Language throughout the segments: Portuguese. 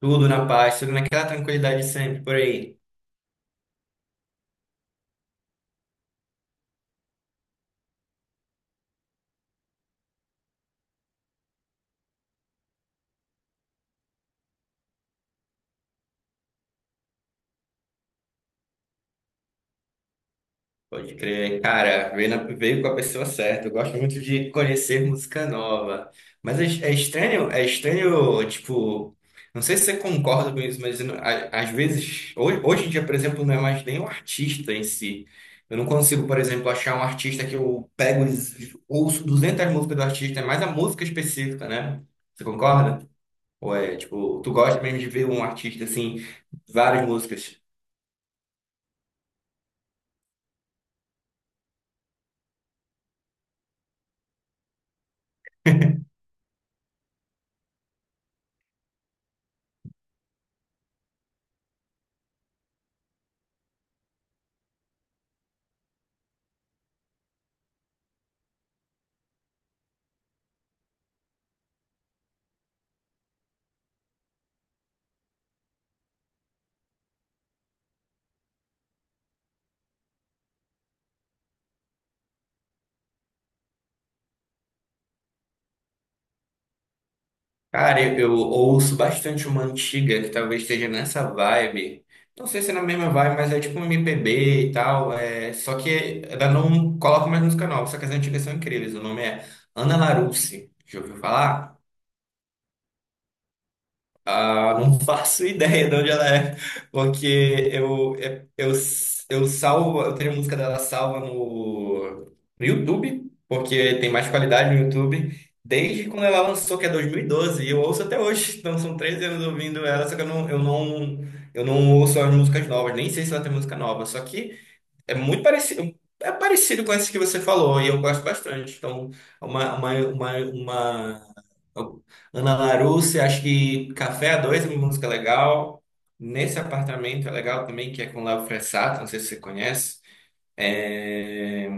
Tudo na paz, tudo naquela tranquilidade sempre por aí. Pode crer, cara, veio com a pessoa certa. Eu gosto muito de conhecer música nova. Mas é estranho, é estranho, tipo, não sei se você concorda com isso, mas eu não- a- às vezes, hoje em dia, por exemplo, não é mais nem o artista em si. Eu não consigo, por exemplo, achar um artista que eu pego e ouço 200 músicas do artista, é mais a música específica, né? Você concorda? Ou é, tipo, tu gosta mesmo de ver um artista assim, várias músicas? Cara, eu ouço bastante uma antiga que talvez esteja nessa vibe. Não sei se é na mesma vibe, mas é tipo um MPB e tal. É, só que ela não coloca mais música nova, só que as antigas são incríveis. O nome é Ana Larousse. Já ouviu falar? Ah, não faço ideia de onde ela é, porque eu, eu, eu salvo, eu tenho a música dela salva no YouTube, porque tem mais qualidade no YouTube, desde quando ela lançou, que é 2012 e eu ouço até hoje, então são 13 anos ouvindo ela, só que eu não ouço as músicas novas, nem sei se ela tem música nova, só que é muito parecido, é parecido com esses que você falou, e eu gosto bastante. Então, uma, uma, uma, uma... Ana Larousse, acho que Café a Dois é uma música legal. Nesse apartamento é legal também, que é com Léo Fressato, não sei se você conhece. É,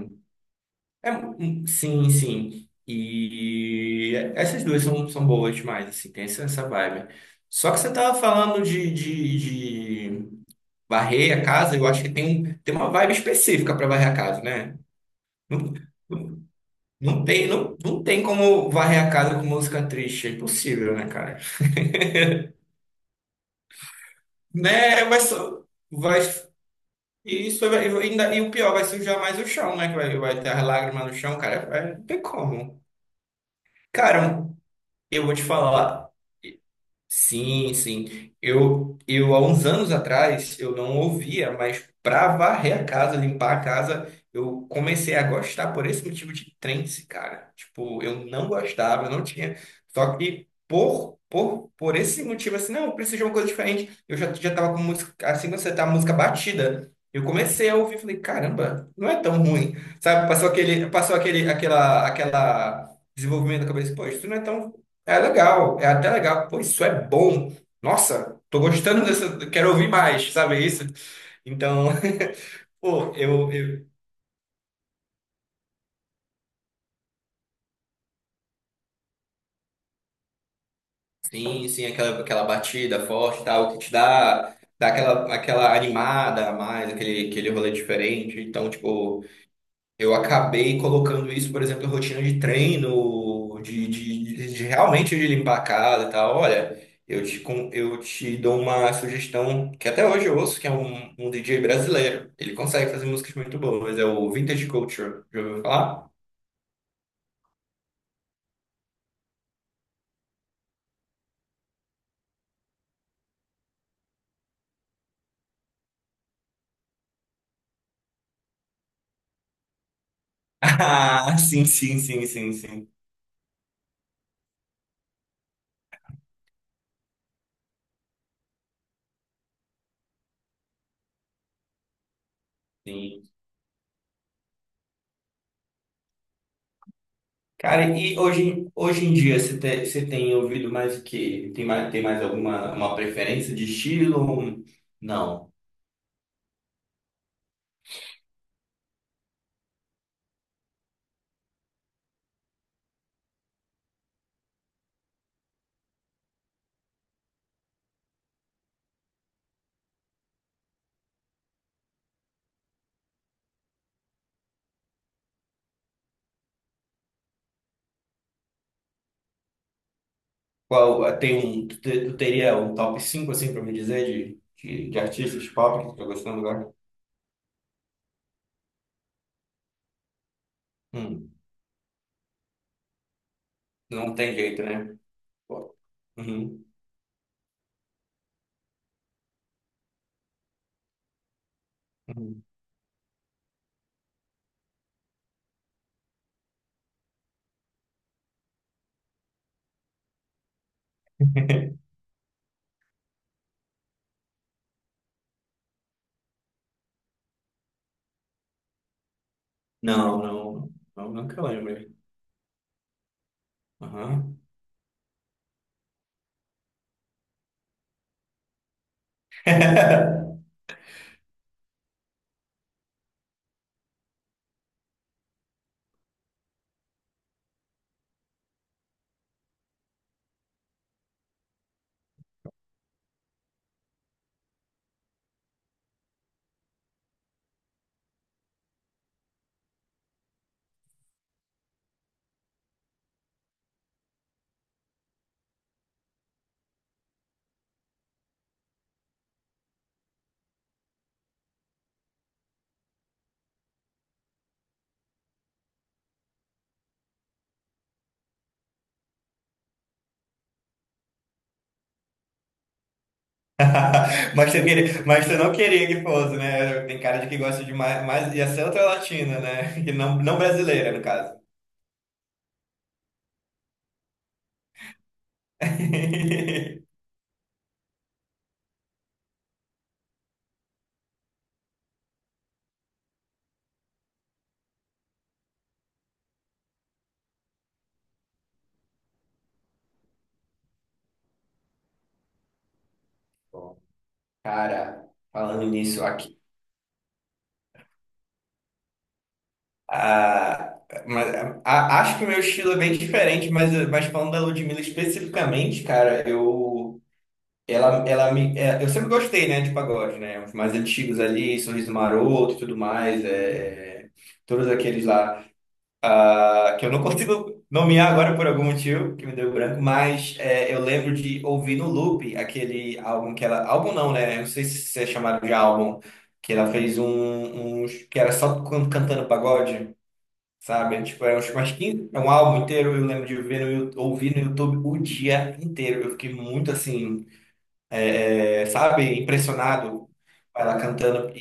é, sim, sim. E essas duas são boas demais, assim, tem essa vibe. Só que você tava falando de varrer a casa, eu acho que tem uma vibe específica para varrer a casa, né? Não, não, não tem, não, não tem como varrer a casa com música triste. É impossível, né, cara? Né, vai só, vai, e isso vai, e ainda, e o pior, vai sujar mais o chão, né? Que vai ter as lágrimas no chão, cara. Não tem como. Cara, eu vou te falar. Sim, sim. Há uns anos atrás, eu não ouvia, mas para varrer a casa, limpar a casa, eu comecei a gostar por esse motivo de trance, cara. Tipo, eu não gostava, eu não tinha. Só que por esse motivo, assim, não, eu preciso de uma coisa diferente. Eu já tava com música, assim, quando você tá música batida, eu comecei a ouvir, falei, caramba, não é tão ruim. Sabe, aquela desenvolvimento da cabeça, pô, isso não é tão é legal, é até legal. Pô, isso é bom. Nossa, tô gostando dessa. Quero ouvir mais, sabe isso? Então, pô, Sim, sim, aquela batida forte e tal, que te dá, dá aquela animada a mais, aquele rolê diferente. Então, tipo. Eu acabei colocando isso, por exemplo, em rotina de treino, de realmente de limpar a casa e tal. Olha, eu te dou uma sugestão que até hoje eu ouço, que é um DJ brasileiro. Ele consegue fazer músicas muito boas, é o Vintage Culture. Já ouviu falar? Ah, sim, sim, sim, sim, sim, sim. Cara, e hoje em dia você tem ouvido mais o quê? Tem mais alguma uma preferência de estilo? Não. Qual, tem um, tu te- Tu teria um top 5 assim, pra me dizer de artistas pop que tu tá gostando agora? Hum, não tem jeito, né? Pô, uhum, uhum. Não, não, não, nunca lembro. Aham. Mas tu queria, mas tu não queria que fosse, né? Tem cara de que gosta de mais, mais ia ser outra latina, né? Que não, não brasileira, no caso. Bom, cara, falando nisso, aqui, Ah, mas, acho que o meu estilo é bem diferente, mas, falando da Ludmilla especificamente, cara, eu, ela me, é, eu sempre gostei, né, de pagode, né, os mais antigos ali, Sorriso Maroto e tudo mais, é, todos aqueles lá, que eu não consigo nomear agora por algum motivo, que me deu branco, mas é, eu lembro de ouvir no loop aquele álbum que ela, álbum não, né, eu não sei se é chamado de álbum, que ela fez um, que era só cantando pagode. Sabe? Tipo, acho que umas 15, é um álbum inteiro, eu lembro de ver no, Yu- ouvir no YouTube o dia inteiro. Eu fiquei muito assim, sabe, impressionado com ela cantando.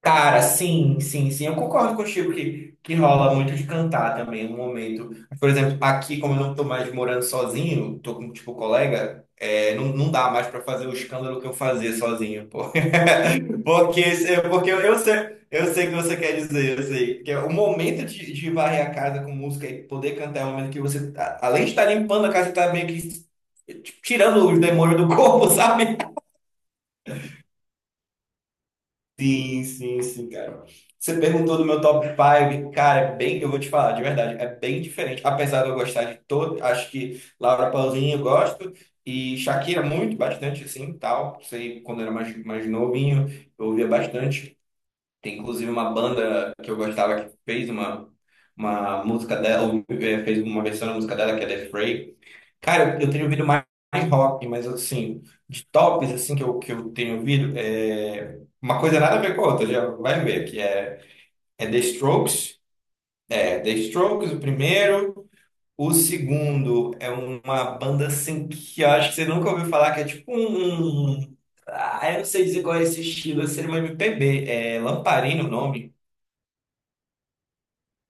Cara, sim, sim, sim. Eu concordo contigo que rola muito de cantar também um momento. Por exemplo, aqui, como eu não tô mais morando sozinho, tô com, tipo, colega, não, não dá mais pra fazer o escândalo que eu fazia sozinho, pô. Porque, se- porque eu sei o que você quer dizer, eu sei. Que é o momento de varrer a casa com música e poder cantar é o momento que além de estar limpando a casa, você tá meio que tipo, tirando os demônios do corpo, sabe? Sim, sim, sim, cara. Você perguntou do meu top 5, cara, é bem, eu vou te falar, de verdade, é bem diferente. Apesar de eu gostar de todo, acho que Laura Pausini eu gosto, e Shakira muito, bastante, assim, tal. Sei, quando eu era mais novinho, eu ouvia bastante. Tem inclusive uma banda que eu gostava que fez uma música dela, ou, fez uma versão da música dela, que é The Fray. Cara, eu tenho ouvido mais rock, mas assim, de tops assim que eu tenho ouvido, é uma coisa nada a ver com a outra, já vai ver, que é The Strokes, o primeiro, o segundo é uma banda assim que eu acho que você nunca ouviu falar, que é tipo Ah, eu não sei dizer qual é esse estilo, seria uma MPB, é Lamparina o nome,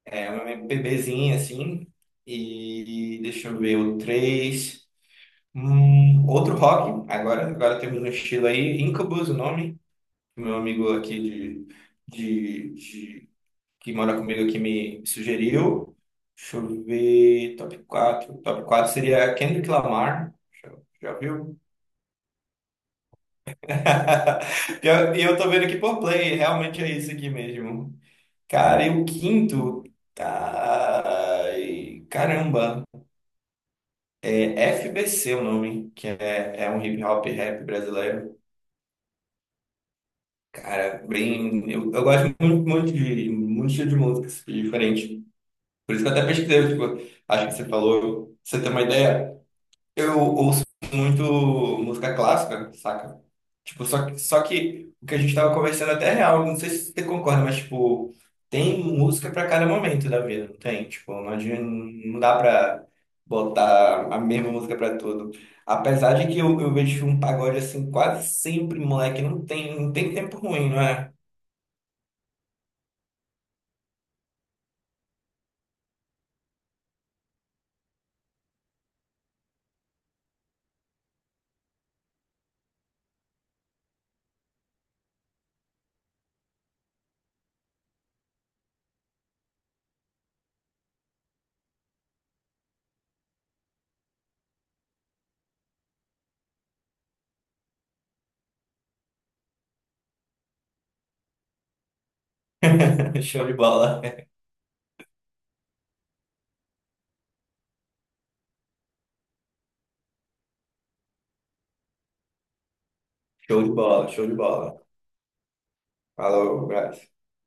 é uma MPBzinha assim, e deixa eu ver, o três. Outro rock, agora temos um estilo aí, Incubus, o nome, que meu amigo aqui de, de, de- que mora comigo aqui me sugeriu. Deixa eu ver, top quatro seria Kendrick Lamar, já, já viu? E eu tô vendo aqui por play, realmente é isso aqui mesmo. Cara, e o quinto, ai, caramba, é FBC o nome, que é um hip hop rap brasileiro. Bem, eu gosto muito, muito de muito estilo de música assim, diferente. Por isso que eu até pesquisei, tipo, acho que você falou, pra você ter uma ideia. Eu ouço muito música clássica, saca? Tipo, só que o que a gente tava conversando até é real, não sei se você concorda, mas tipo, tem música pra cada momento da vida, não tem? Tipo, não, adianta, não dá pra botar a mesma música pra tudo. Apesar de que eu vejo um pagode assim quase sempre, moleque, não tem, não tem tempo ruim, não é? Show de bola. Show de bola, show de bola. Falou, Brás.